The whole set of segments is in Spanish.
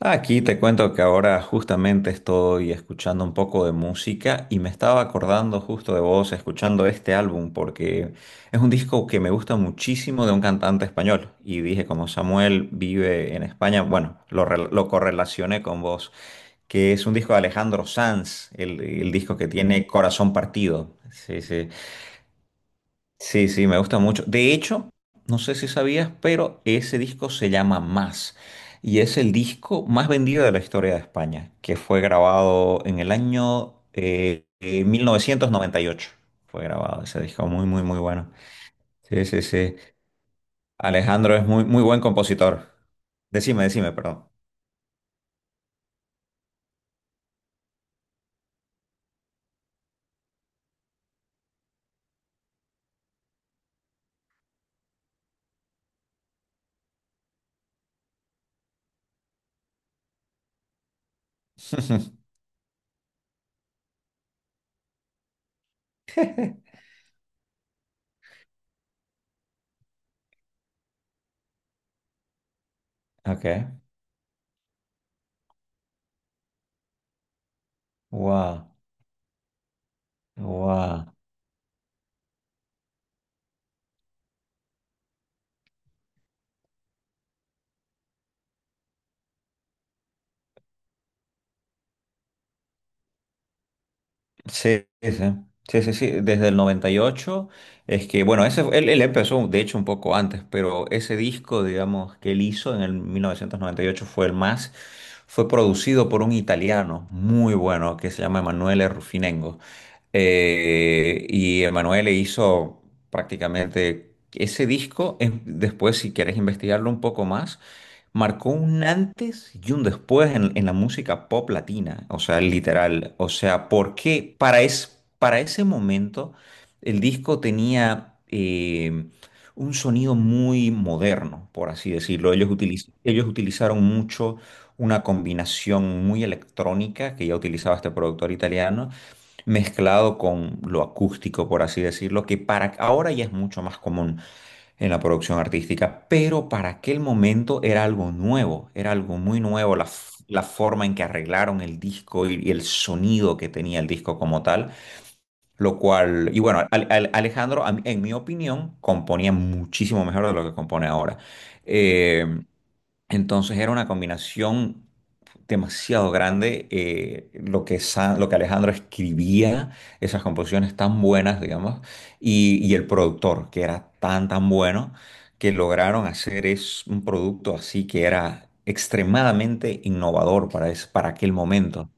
Aquí te cuento que ahora justamente estoy escuchando un poco de música y me estaba acordando justo de vos escuchando este álbum porque es un disco que me gusta muchísimo de un cantante español y dije como Samuel vive en España, bueno, lo correlacioné con vos, que es un disco de Alejandro Sanz, el disco que tiene Corazón Partido. Sí, sí. Sí, sí, me gusta mucho. De hecho, no sé si sabías, pero ese disco se llama Más y es el disco más vendido de la historia de España, que fue grabado en el año 1998. Fue grabado ese disco, muy, muy, muy bueno. Sí, sí, sí. Alejandro es muy, muy buen compositor. Decime, decime, perdón. Ok. Wow, wow. Sí, sí, sí, sí, sí, sí, desde el 98 es que, bueno, ese, él empezó, de hecho, un poco antes, pero ese disco, digamos, que él hizo en el 1998 fue el más, fue producido por un italiano muy bueno que se llama Emanuele Rufinengo. Y Emanuele hizo prácticamente ese disco, después si quieres investigarlo un poco más, marcó un antes y un después en la música pop latina, o sea, literal. O sea, porque para ese momento el disco tenía un sonido muy moderno, por así decirlo. Ellos utilizaron mucho una combinación muy electrónica que ya utilizaba este productor italiano mezclado con lo acústico, por así decirlo, que para ahora ya es mucho más común en la producción artística, pero para aquel momento era algo nuevo, era algo muy nuevo, la forma en que arreglaron el disco y el sonido que tenía el disco como tal, lo cual, y bueno, Alejandro, en mi opinión, componía muchísimo mejor de lo que compone ahora. Eh, entonces era una combinación demasiado grande lo que Alejandro escribía, esas composiciones tan buenas, digamos, y el productor, que era tan, tan bueno, que lograron hacer es un producto así que era extremadamente innovador para aquel momento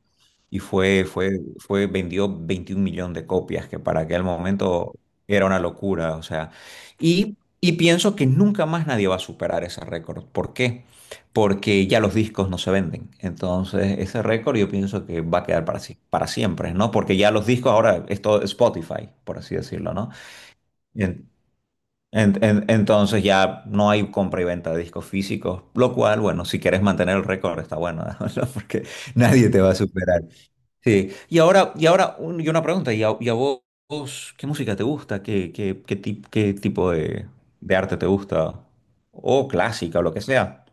y vendió 21 millones de copias, que para aquel momento era una locura, o sea, y pienso que nunca más nadie va a superar ese récord. ¿Por qué? Porque ya los discos no se venden. Entonces, ese récord yo pienso que va a quedar para siempre, ¿no? Porque ya los discos ahora es todo Spotify, por así decirlo, ¿no? En- entonces ya no hay compra y venta de discos físicos, lo cual, bueno, si quieres mantener el récord está bueno, ¿no? Porque nadie te va a superar. Sí, y ahora, y una pregunta, ¿vos qué música te gusta? ¿Qué tipo de arte te gusta? O clásica o lo que sea.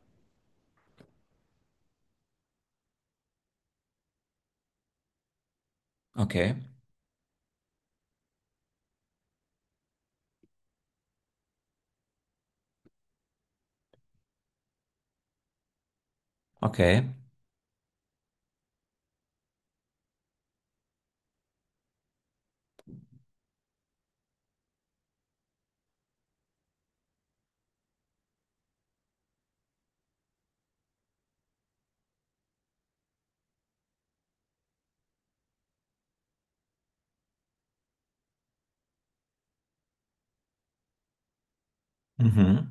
Ok, ok. Ujú,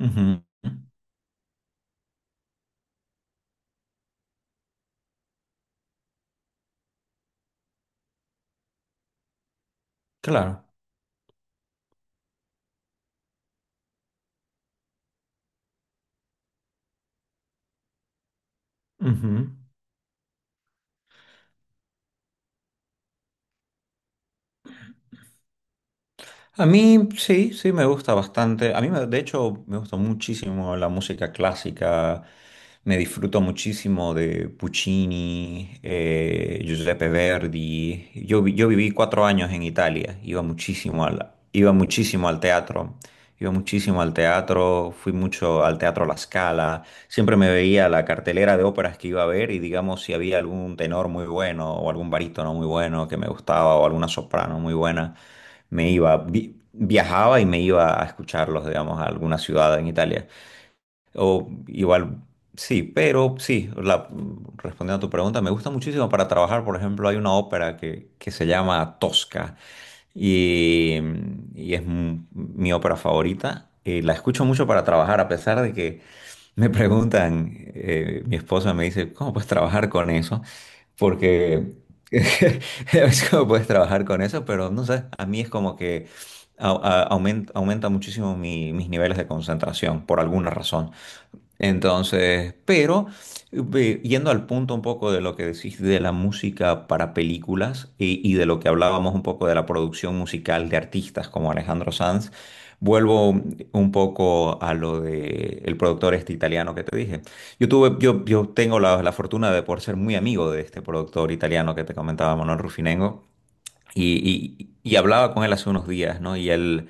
ujú. Claro. A mí sí, sí me gusta bastante. A mí, de hecho, me gusta muchísimo la música clásica. Me disfruto muchísimo de Puccini, Giuseppe Verdi. Yo viví 4 años en Italia. Iba muchísimo al teatro. Iba muchísimo al teatro, fui mucho al Teatro La Scala, siempre me veía la cartelera de óperas que iba a ver y digamos si había algún tenor muy bueno o algún barítono muy bueno que me gustaba o alguna soprano muy buena, viajaba y me iba a escucharlos, digamos, a alguna ciudad en Italia. O igual, sí, pero sí, respondiendo a tu pregunta, me gusta muchísimo para trabajar. Por ejemplo, hay una ópera que se llama Tosca y, y es mi ópera favorita. La escucho mucho para trabajar, a pesar de que me preguntan, mi esposa me dice, ¿cómo puedes trabajar con eso? Porque es como puedes trabajar con eso, pero no sé, a mí es como que aumenta muchísimo mis niveles de concentración por alguna razón. Entonces, pero yendo al punto un poco de lo que decís de la música para películas y de lo que hablábamos un poco de la producción musical de artistas como Alejandro Sanz, vuelvo un poco a lo de el productor este italiano que te dije. Yo tengo la fortuna de por ser muy amigo de este productor italiano que te comentaba, Manuel Rufinengo, y hablaba con él hace unos días, ¿no? Y él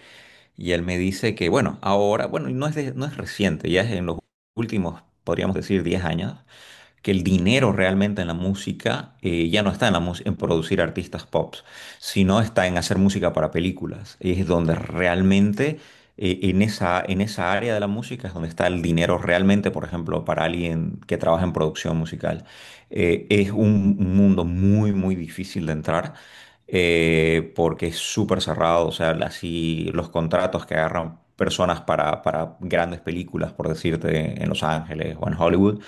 y él me dice que, bueno, ahora, bueno, y no es reciente, ya es en los últimos, podríamos decir, 10 años, que el dinero realmente en la música ya no está en producir artistas pop, sino está en hacer música para películas. Es donde realmente, en esa área de la música es donde está el dinero realmente, por ejemplo, para alguien que trabaja en producción musical. Es un mundo muy, muy difícil de entrar. Porque es súper cerrado, o sea, así los contratos que agarran personas para grandes películas, por decirte, en Los Ángeles o en Hollywood,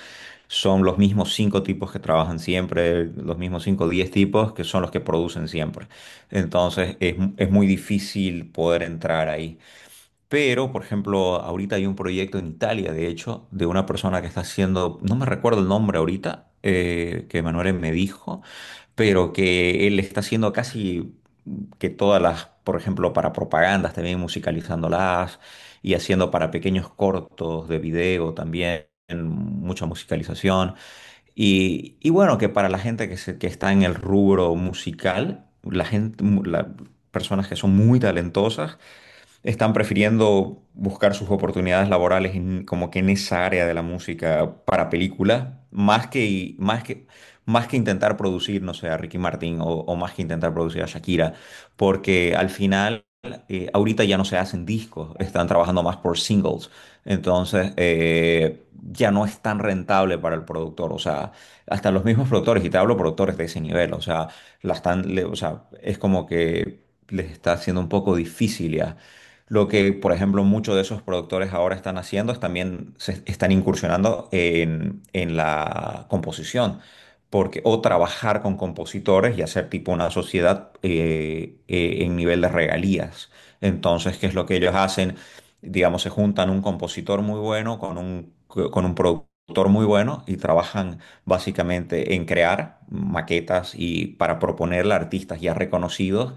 son los mismos cinco tipos que trabajan siempre, los mismos cinco o diez tipos que son los que producen siempre. Entonces es muy difícil poder entrar ahí. Pero, por ejemplo, ahorita hay un proyecto en Italia, de hecho, de una persona que está haciendo, no me recuerdo el nombre ahorita, que Manuel me dijo, pero que él está haciendo casi que todas las, por ejemplo, para propagandas, también musicalizándolas y haciendo para pequeños cortos de video también, mucha musicalización. Y bueno, que para la gente que, que está en el rubro musical, la gente, mu- la- personas que son muy talentosas, están prefiriendo buscar sus oportunidades laborales como que en esa área de la música para películas, más que intentar producir, no sé, a Ricky Martin o más que intentar producir a Shakira, porque al final, ahorita ya no se hacen discos, están trabajando más por singles, entonces ya no es tan rentable para el productor, o sea, hasta los mismos productores, y te hablo productores de ese nivel, o sea, la están, o sea, es como que les está haciendo un poco difícil ya. Lo que, por ejemplo, muchos de esos productores ahora están haciendo es también se están incursionando en la composición, porque, o trabajar con compositores y hacer tipo una sociedad en nivel de regalías. Entonces, ¿qué es lo que ellos hacen? Digamos, se juntan un compositor muy bueno con un productor muy bueno y trabajan básicamente en crear maquetas y para proponerle a artistas ya reconocidos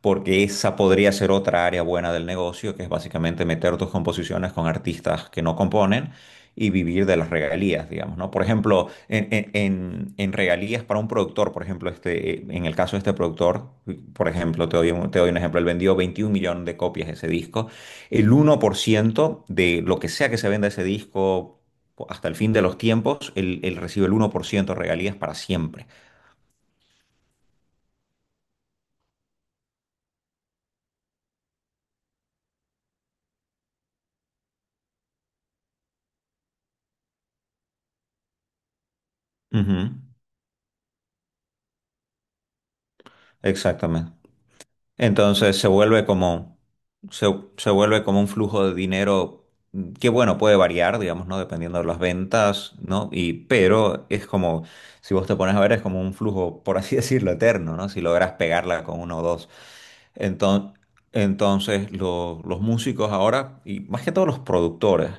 porque esa podría ser otra área buena del negocio, que es básicamente meter tus composiciones con artistas que no componen y vivir de las regalías, digamos, ¿no? Por ejemplo, en regalías para un productor, por ejemplo, este, en el caso de este productor, por ejemplo, te doy un ejemplo, él vendió 21 millones de copias de ese disco, el 1% de lo que sea que se venda ese disco... Hasta el fin de los tiempos, él recibe el 1% de regalías para siempre. Ujú. Exactamente. Entonces se, se vuelve como un flujo de dinero que, bueno, puede variar, digamos, ¿no? Dependiendo de las ventas, ¿no? Y, pero es como, si vos te pones a ver, es como un flujo, por así decirlo, eterno, ¿no? Si logras pegarla con uno o dos. Enton- Entonces, los músicos ahora, y más que todo los productores,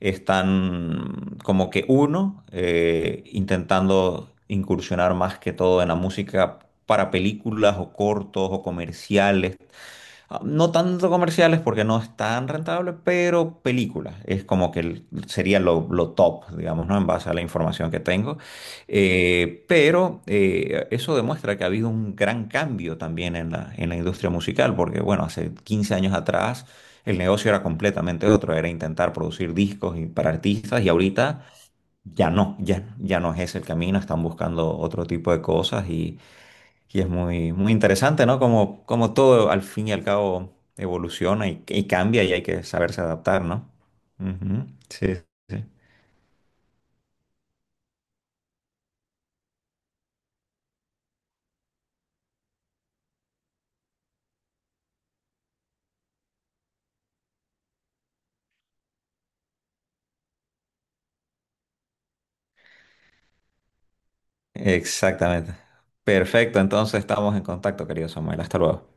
están como que uno, intentando incursionar más que todo en la música para películas o cortos o comerciales. Ah, no tanto comerciales porque no es tan rentable, pero películas. Es como que sería lo top, digamos, ¿no? En base a la información que tengo. Pero eso demuestra que ha habido un gran cambio también en la industria musical, porque bueno, hace 15 años atrás el negocio era completamente otro, era intentar producir discos para artistas y ahorita ya no, ya no es ese el camino, están buscando otro tipo de cosas y... Y es muy, muy interesante, ¿no? Como todo al fin y al cabo evoluciona y cambia y hay que saberse adaptar, ¿no? Ujú. Sí, sí. Exactamente. Perfecto, entonces estamos en contacto, querido Samuel. Hasta luego.